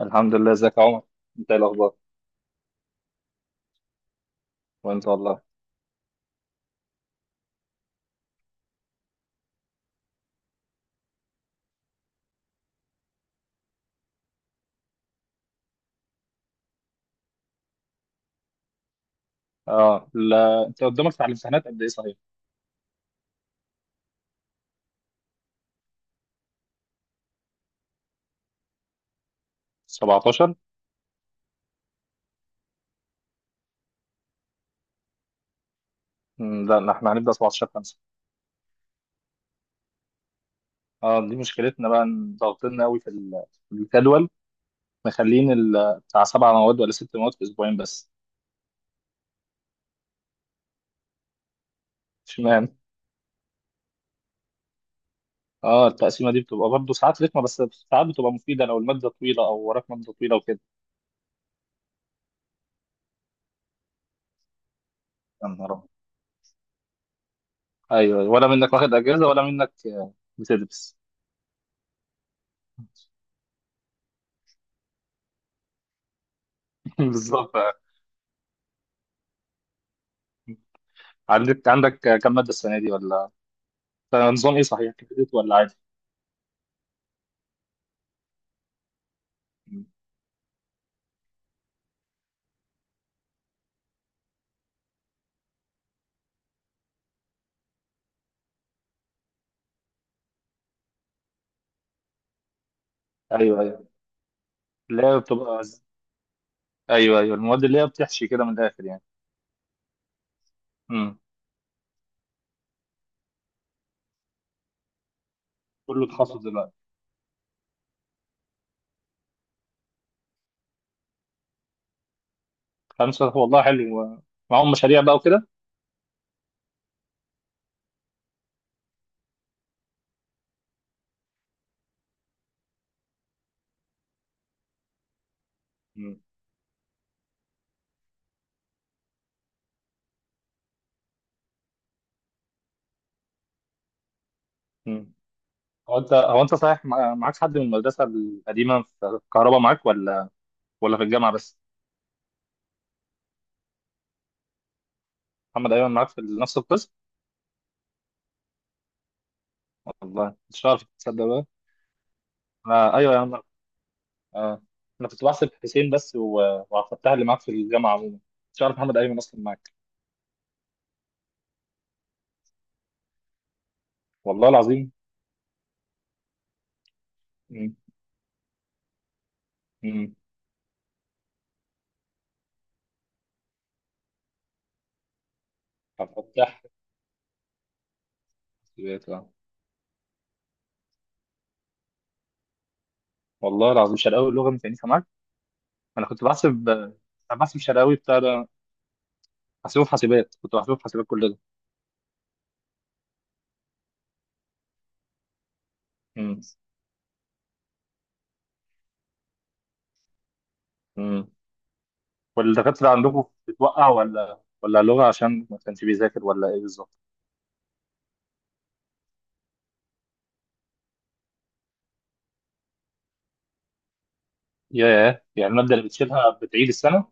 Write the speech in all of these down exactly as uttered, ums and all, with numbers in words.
الحمد لله، ازيك يا عمر؟ انت ايه الاخبار؟ وانت والله. اه، لا انت قدامك على الامتحانات قد ايه صحيح؟ سبعتاشر. مم، لا لا، احنا هنبدا سبعتاشر خمسة. اه، دي مشكلتنا بقى ان ضاغطين قوي في ال- في الجدول. مخلين ال- بتاع سبع مواد ولا ست مواد في اسبوعين بس. اشمعنى؟ اه، التقسيمه دي بتبقى برضه ساعات رخمه، بس ساعات بتبقى مفيده لو الماده طويله او وراك ماده طويله وكده. يا نهار أبيض. ايوه، ولا منك واخد اجازه ولا منك، آه، بتدرس. بالظبط. عندك عندك كم ماده السنه دي ولا؟ فنظام ايه صحيح، كريدت ولا عادي؟ مم. ايوه، ايوه. اللي هي بتبقى، ايوه، ايوه، المواد اللي هي بتحشي كده من الاخر يعني. امم. كله تخصص دلوقتي؟ خمسه؟ والله حلو. معاهم مشاريع بقى وكده؟ مم. مم. هو انت هو انت صحيح، مع- معاك حد من المدرسه القديمه في الكهرباء، معاك ولا؟ ولا في الجامعه بس؟ محمد ايمن معاك في نفس القسم؟ والله مش عارف تصدق بقى. آه، ايوه يا عم. آه. انا كنت بحسب حسين بس و... وعبد الفتاح اللي معاك في الجامعه عموما. مش عارف محمد ايمن اصلا معاك. والله العظيم. امم، امم. سمعت، اه. والله العظيم؟ شرقاوي اللغه ما كانتش معاك؟ انا كنت بحسب انا بحسب شرقاوي بتاع ده. بحسبه في حاسبات كنت بحسبه في حاسبات كل ده. امم، امم. والدكاتره عندكم بتوقع، ولا ولا لغه عشان ما كانش بيذاكر؟ ولا ايه بالظبط؟ ياه، يعني الماده اللي بتشيلها بتعيد السنه؟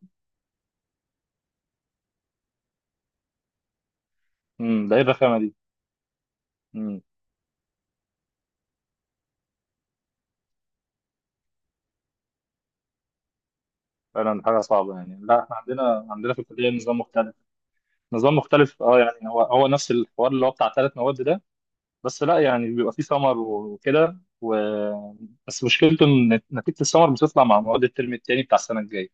امم. ده ايه الرخامه دي؟ امم. فعلا حاجه صعبه، يعني لا احنا عندنا عندنا في الكليه نظام مختلف. نظام مختلف، اه، يعني هو هو نفس الحوار اللي هو بتاع ثلاث مواد ده. بس لا يعني بيبقى فيه سمر وكده و... بس مشكلته ان نتيجه السمر بتطلع مع مواد الترم الثاني بتاع السنه الجايه.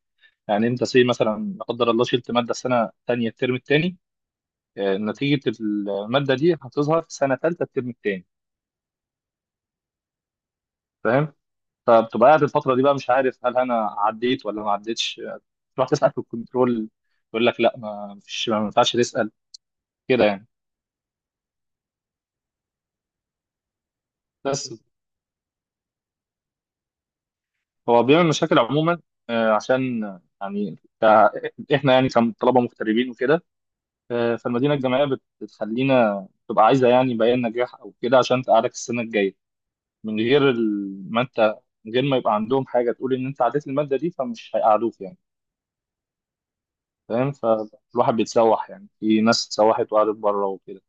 يعني انت سي مثلا لا قدر الله شلت ماده السنه الثانيه الترم الثاني، نتيجه الماده دي هتظهر في سنه ثالثه الترم الثاني. فاهم؟ فبتبقى قاعد الفتره دي بقى مش عارف هل انا عديت ولا ما عديتش، تروح تسال في الكنترول، يقول لك لا ما فيش، ما ينفعش تسال كده يعني. بس هو بيعمل مشاكل عموما، آه، عشان يعني ك- احنا يعني كطلبه مغتربين وكده. آه، فالمدينة الجامعية بت- بتخلينا تبقى عايزة يعني بيان نجاح أو كده عشان تقعدك السنة الجاية. من غير ال- ما أنت من غير ما يبقى عندهم حاجة تقول إن أنت عديت المادة دي فمش هيقعدوك يعني. فاهم؟ فالواحد بيتسوح يعني، في ناس اتسوحت وقعدت بره وكده.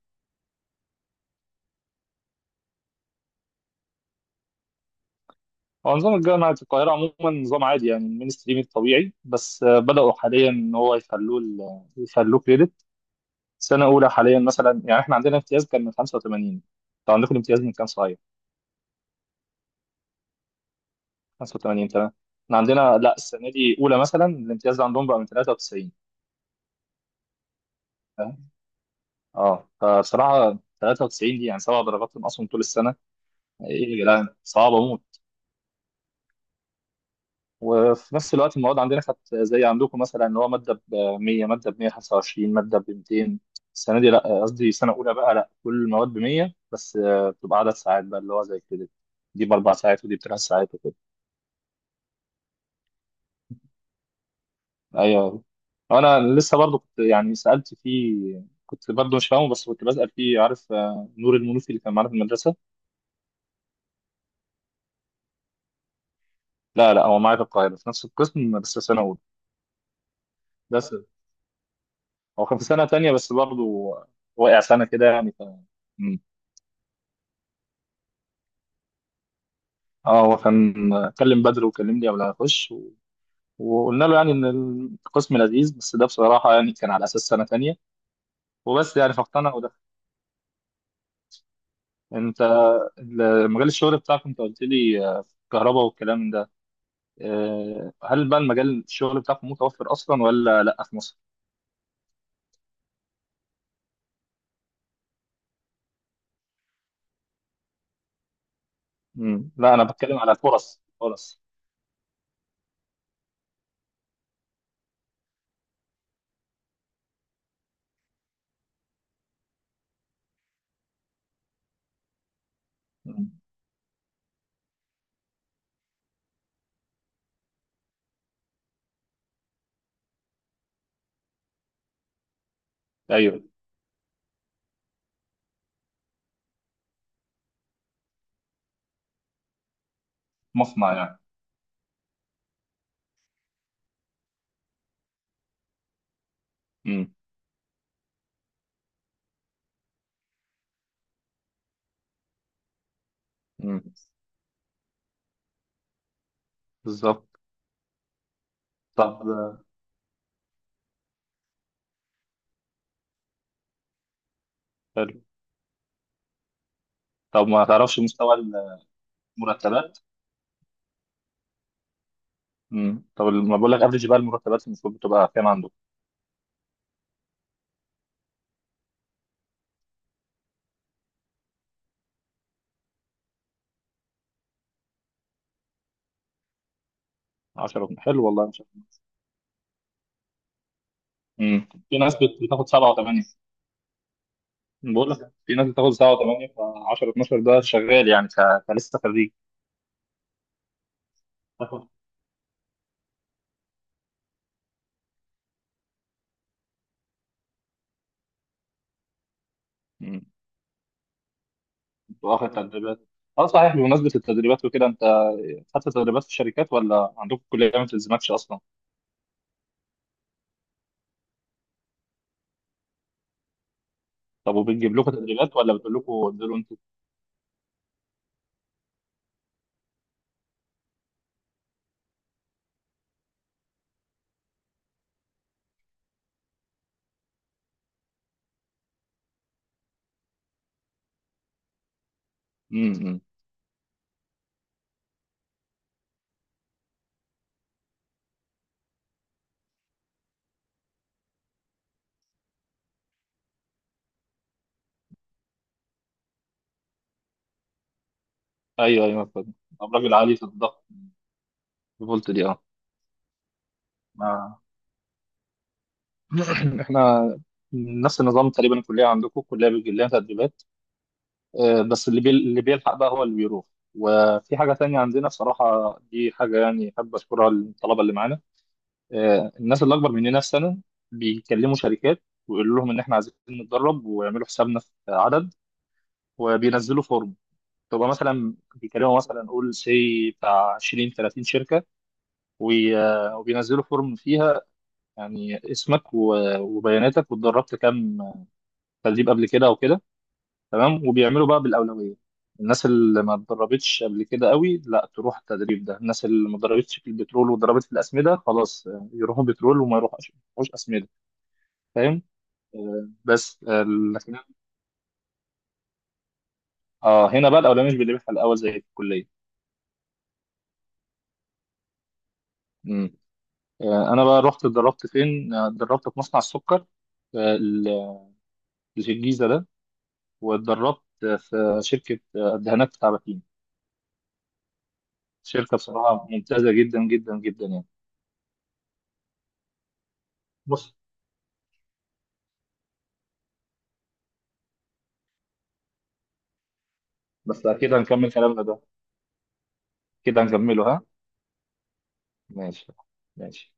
هو نظام الجامعة في القاهرة عموما نظام عادي، يعني المينستريم الطبيعي، بس آه، بدأوا حاليا إن هو يخلوه ال- يخلوه كريدت. سنة أولى حاليا مثلا، يعني إحنا عندنا امتياز كان من خمسة وتمانين. أنتوا عندكم الامتياز من كام صحيح؟ خمسة وتمانين. تمام. احنا عندنا لا، السنه دي اولى مثلا الامتياز عندهم بقى من تلاتة وتسعين. فاهم؟ اه، فبصراحه تلاتة وتسعين دي يعني سبع درجات ناقصهم طول السنه. ايه يا جدعان، صعبه موت. وفي نفس الوقت المواد عندنا كانت زي عندكم، مثلا ان هو ماده ب مية، ماده ب مية وخمسة وعشرين، ماده ب ميتين. السنه دي لا، قصدي سنه اولى بقى، لا كل المواد ب مية، بس آه، بتبقى عدد ساعات بقى اللي هو زي كده. دي باربع ساعات ودي بثلاث ساعات. ايوه. انا لسه برضو كنت يعني سالت فيه، كنت برضو مش فاهمه بس كنت بسال فيه. عارف آه، نور المنوفي اللي كان معانا في المدرسه؟ لا، لا، هو معايا في القاهره في نفس القسم بس في سنه اولى. بس هو كان في سنه تانية بس برضو، وقع سنه كده يعني ف... مم. اه، هو كان كلم بدر وكلم لي قبل ما اخش و... وقلنا له يعني ان القسم لذيذ، بس ده بصراحه يعني كان على اساس سنه تانية وبس، يعني فاقتنع وده. انت، ال- مجال الشغل بتاعك، انت قلت لي آه، كهرباء والكلام ده. آه، هل بقى المجال الشغل بتاعكم متوفر اصلا ولا لا في مصر؟ مم. لا انا بتكلم على فرص فرص. مم. ايوه. مصنع يعني. مم. مم. بالظبط. طب آه، حلو. طب ما تعرفش مستوى المرتبات؟ مم. طب ما بقول لك افريج بقى، المرتبات المفروض بتبقى كام عنده؟ عشرة حلو، والله مش عارف. مم. في ناس بت- بتاخد سبعة وتمانية. بقول لك في ناس بتاخد سبعة وتمانية، ف عشرة اتناشر ده شغال يعني ك... كلسه خريج. تاخد، واخد تدريبات. اه صحيح، بمناسبة التدريبات وكده انت، حتى تدريبات في الشركات ولا عندكم الكليه ما بتلزمكش اصلا؟ طب وبتجيب لكم تدريبات ولا بتقول لكم انزلوا انتوا؟ امم. ايوه، ايوه، فاهم. طب راجل عالي في الضغط فولت دي، اه. ما- احنا نفس النظام تقريبا، الكليه عندكم الكليه بيجي لها تدريبات. آه، بس اللي بي... اللي بيلحق بقى هو اللي بيروح. وفي حاجه تانية عندنا بصراحه، دي حاجه يعني احب اشكرها للطلبه اللي معانا. آه، الناس اللي اكبر مننا بسنه بيكلموا شركات ويقولوا لهم ان احنا عايزين نتدرب ويعملوا حسابنا في عدد، وبينزلوا فورم. تبقى مثلا بيكلموا مثلا قول سي بتاع عشرين ثلاثين شركه، وي- آه، وبينزلوا فورم فيها يعني اسمك و- وبياناتك، واتدربت كام تدريب قبل كده او كده. تمام، وبيعملوا بقى بالاولويه. الناس اللي ما اتدربتش قبل كده قوي، لا تروح التدريب ده الناس اللي ما اتدربتش في البترول واتدربت في الاسمده، خلاص آه، يروحوا بترول، وما يروحوش يروحوش اسمده. فاهم؟ آه، بس آه، لكن اه هنا بقى الاولويه مش بنربحها الاول زي في الكليه. آه، انا بقى رحت اتدربت فين؟ آه، اتدربت في مصنع السكر آه، اللي في الجيزه ده. واتدربت آه، في شركه آه، الدهانات بتاع باتين. شركه بصراحه ممتازه جدا جدا جدا يعني. بص، بس كده هنكمل كلامنا ده؟ كده هنكمله ها؟ ماشي، ماشي.